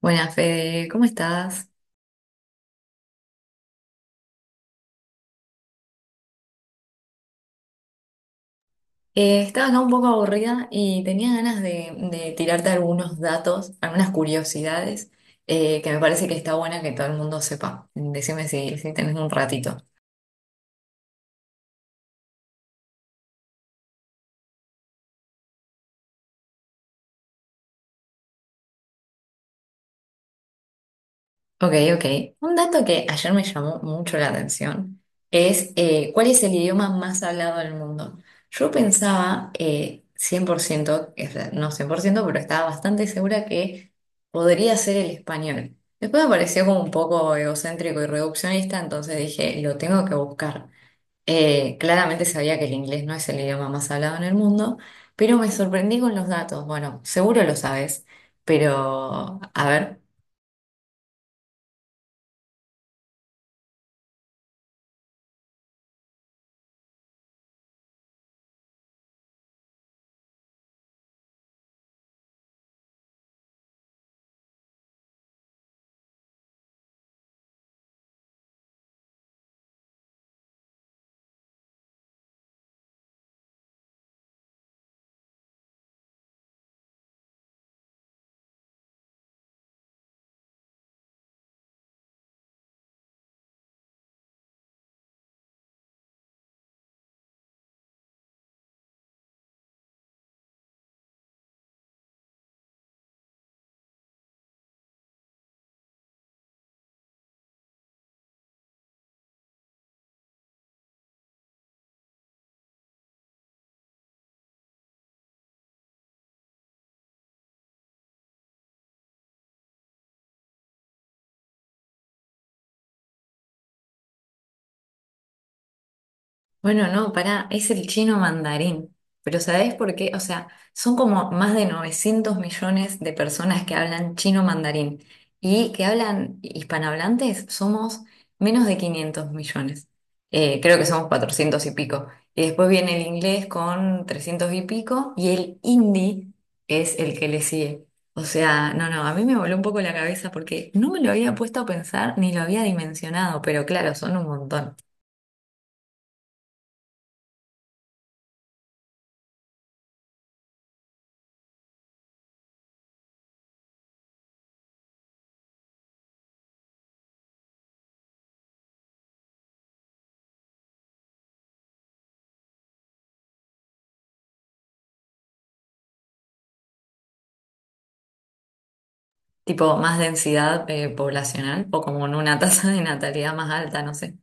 Buenas, Fede, ¿cómo estás? Estaba acá un poco aburrida y tenía ganas de tirarte algunos datos, algunas curiosidades que me parece que está buena que todo el mundo sepa. Decime si tenés un ratito. Ok, ok. Un dato que ayer me llamó mucho la atención es ¿cuál es el idioma más hablado del mundo? Yo pensaba 100%, o sea, no 100%, pero estaba bastante segura que podría ser el español. Después me pareció como un poco egocéntrico y reduccionista, entonces dije, lo tengo que buscar. Claramente sabía que el inglés no es el idioma más hablado en el mundo, pero me sorprendí con los datos. Bueno, seguro lo sabes, pero a ver. Bueno, no, pará, es el chino mandarín. Pero ¿sabés por qué? O sea, son como más de 900 millones de personas que hablan chino mandarín y que hablan hispanohablantes somos menos de 500 millones. Creo que somos 400 y pico. Y después viene el inglés con 300 y pico y el hindi es el que le sigue. O sea, no, no, a mí me voló un poco la cabeza porque no me lo había puesto a pensar ni lo había dimensionado, pero claro, son un montón. Tipo más densidad poblacional o como en una tasa de natalidad más alta, no sé.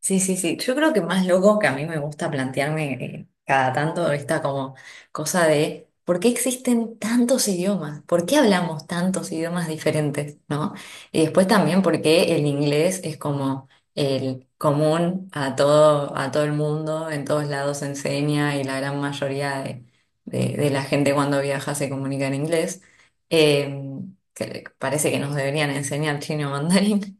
Sí, sí, sí. Yo creo que más loco que a mí me gusta plantearme cada tanto esta como cosa de ¿por qué existen tantos idiomas? ¿Por qué hablamos tantos idiomas diferentes? ¿No? Y después también por qué el inglés es como el común a todo el mundo, en todos lados se enseña y la gran mayoría de la gente cuando viaja se comunica en inglés. Eh, que parece que nos deberían enseñar chino mandarín.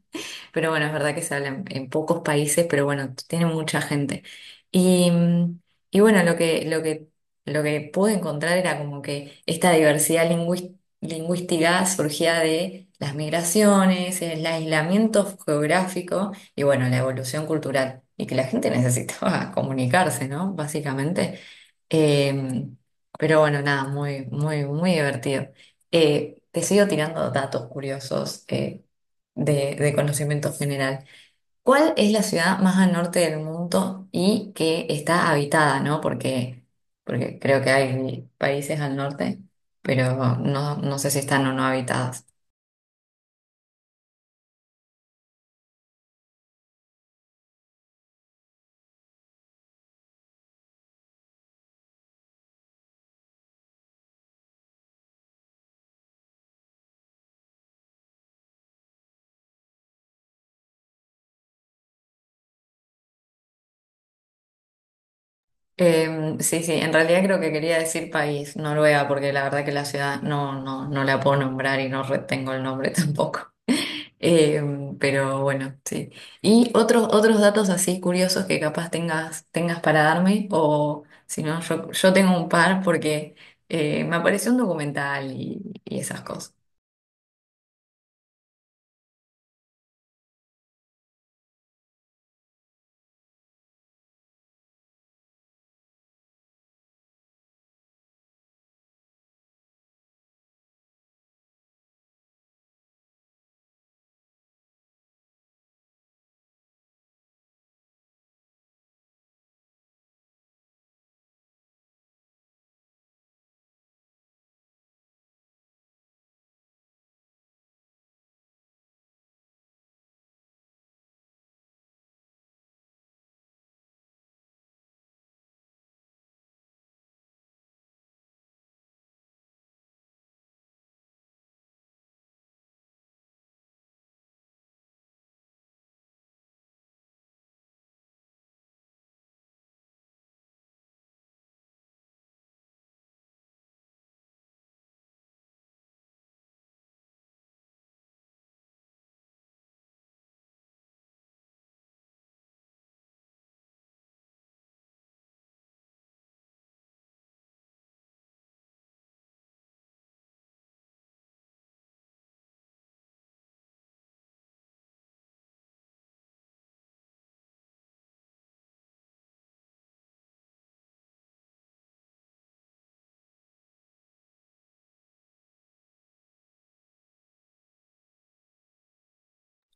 Pero bueno, es verdad que se habla en pocos países, pero bueno, tiene mucha gente. Y, y bueno, lo que pude encontrar era como que esta diversidad lingüística surgía de las migraciones, el aislamiento geográfico y bueno, la evolución cultural. Y que la gente necesitaba comunicarse, ¿no? Básicamente. Eh, pero bueno, nada, muy, muy, muy divertido. Te sigo tirando datos curiosos, de conocimiento general. ¿Cuál es la ciudad más al norte del mundo y que está habitada, ¿no? Porque, porque creo que hay países al norte, pero no, no sé si están o no habitadas. Sí, sí, en realidad creo que quería decir país, Noruega, porque la verdad que la ciudad no la puedo nombrar y no retengo el nombre tampoco. Eh, pero bueno, sí. Y otros datos así curiosos que capaz tengas para darme, o si no, yo tengo un par porque me apareció un documental y esas cosas.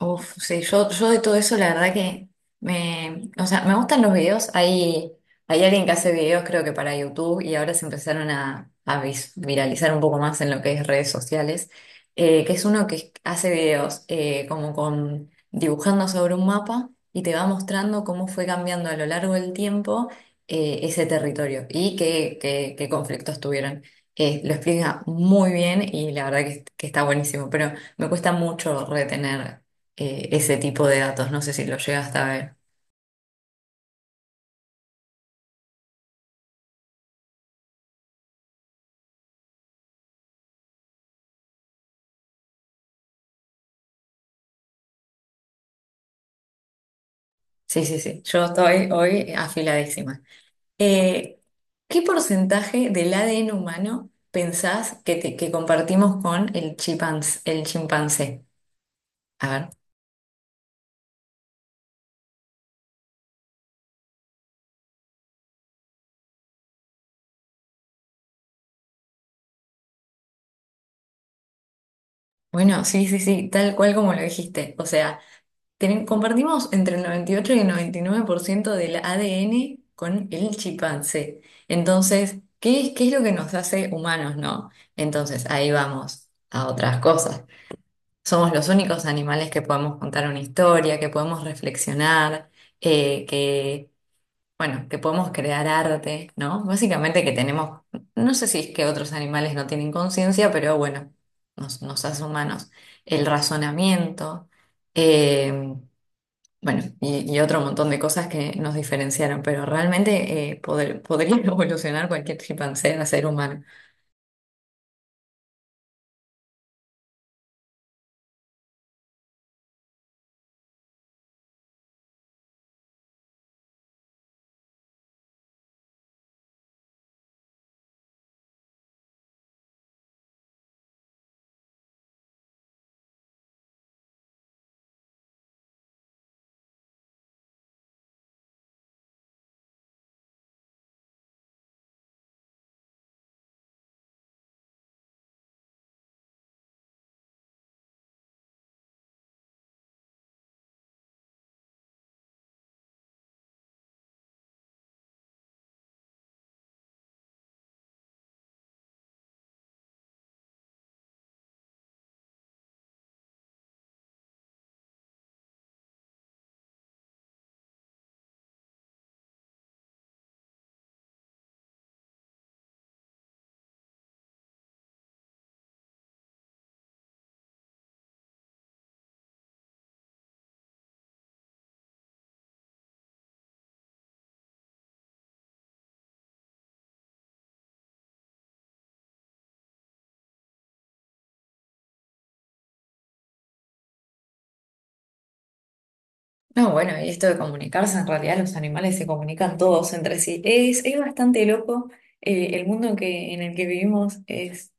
Uf, sí, yo de todo eso la verdad que me, o sea, me gustan los videos. Hay alguien que hace videos creo que para YouTube y ahora se empezaron a viralizar un poco más en lo que es redes sociales, que es uno que hace videos como con dibujando sobre un mapa y te va mostrando cómo fue cambiando a lo largo del tiempo ese territorio y qué conflictos tuvieron. Lo explica muy bien y la verdad que está buenísimo, pero me cuesta mucho retener ese tipo de datos. No sé si lo llegaste a ver. Sí, sí, sí. Yo estoy hoy afiladísima. Eh, ¿Qué porcentaje del ADN humano pensás que compartimos con el el chimpancé? A ver. Bueno, sí, sí, sí, tal cual como lo dijiste. O sea, compartimos entre el 98 y el 99% del ADN con el chimpancé. Entonces, ¿qué es lo que nos hace humanos, no? Entonces, ahí vamos a otras cosas. Somos los únicos animales que podemos contar una historia, que podemos reflexionar, eh, que, bueno, que podemos crear arte, ¿no? Básicamente que tenemos, no sé si es que otros animales no tienen conciencia, pero bueno, nos, nos hace humanos. El razonamiento, eh, bueno, y otro montón de cosas que nos diferenciaron, pero realmente podría evolucionar cualquier chimpancé a ser humano. No, bueno, y esto de comunicarse, en realidad los animales se comunican todos entre sí. Es bastante loco. El mundo que, en el que vivimos es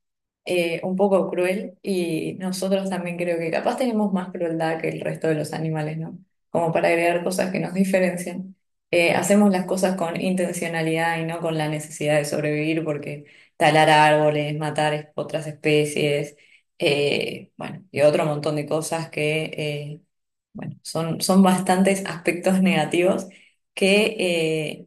un poco cruel y nosotros también creo que capaz tenemos más crueldad que el resto de los animales, ¿no? Como para agregar cosas que nos diferencian. Hacemos las cosas con intencionalidad y no con la necesidad de sobrevivir porque talar árboles, matar otras especies, bueno, y otro montón de cosas que... bueno, son bastantes aspectos negativos que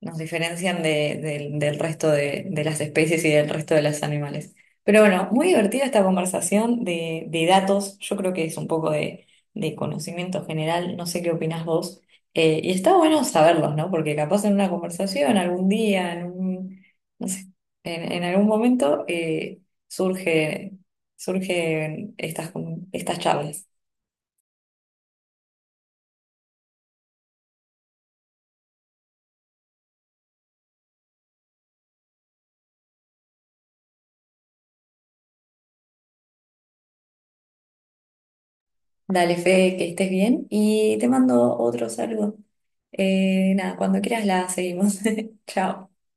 nos diferencian del del resto de las especies y del resto de los animales. Pero bueno, muy divertida esta conversación de datos. Yo creo que es un poco de conocimiento general. No sé qué opinás vos. Y está bueno saberlos, ¿no? Porque capaz en una conversación, algún día, no sé, en algún momento surge, surgen estas, estas charlas. Dale, Fede, que estés bien y te mando otro saludo. Nada, cuando quieras la seguimos. Chao.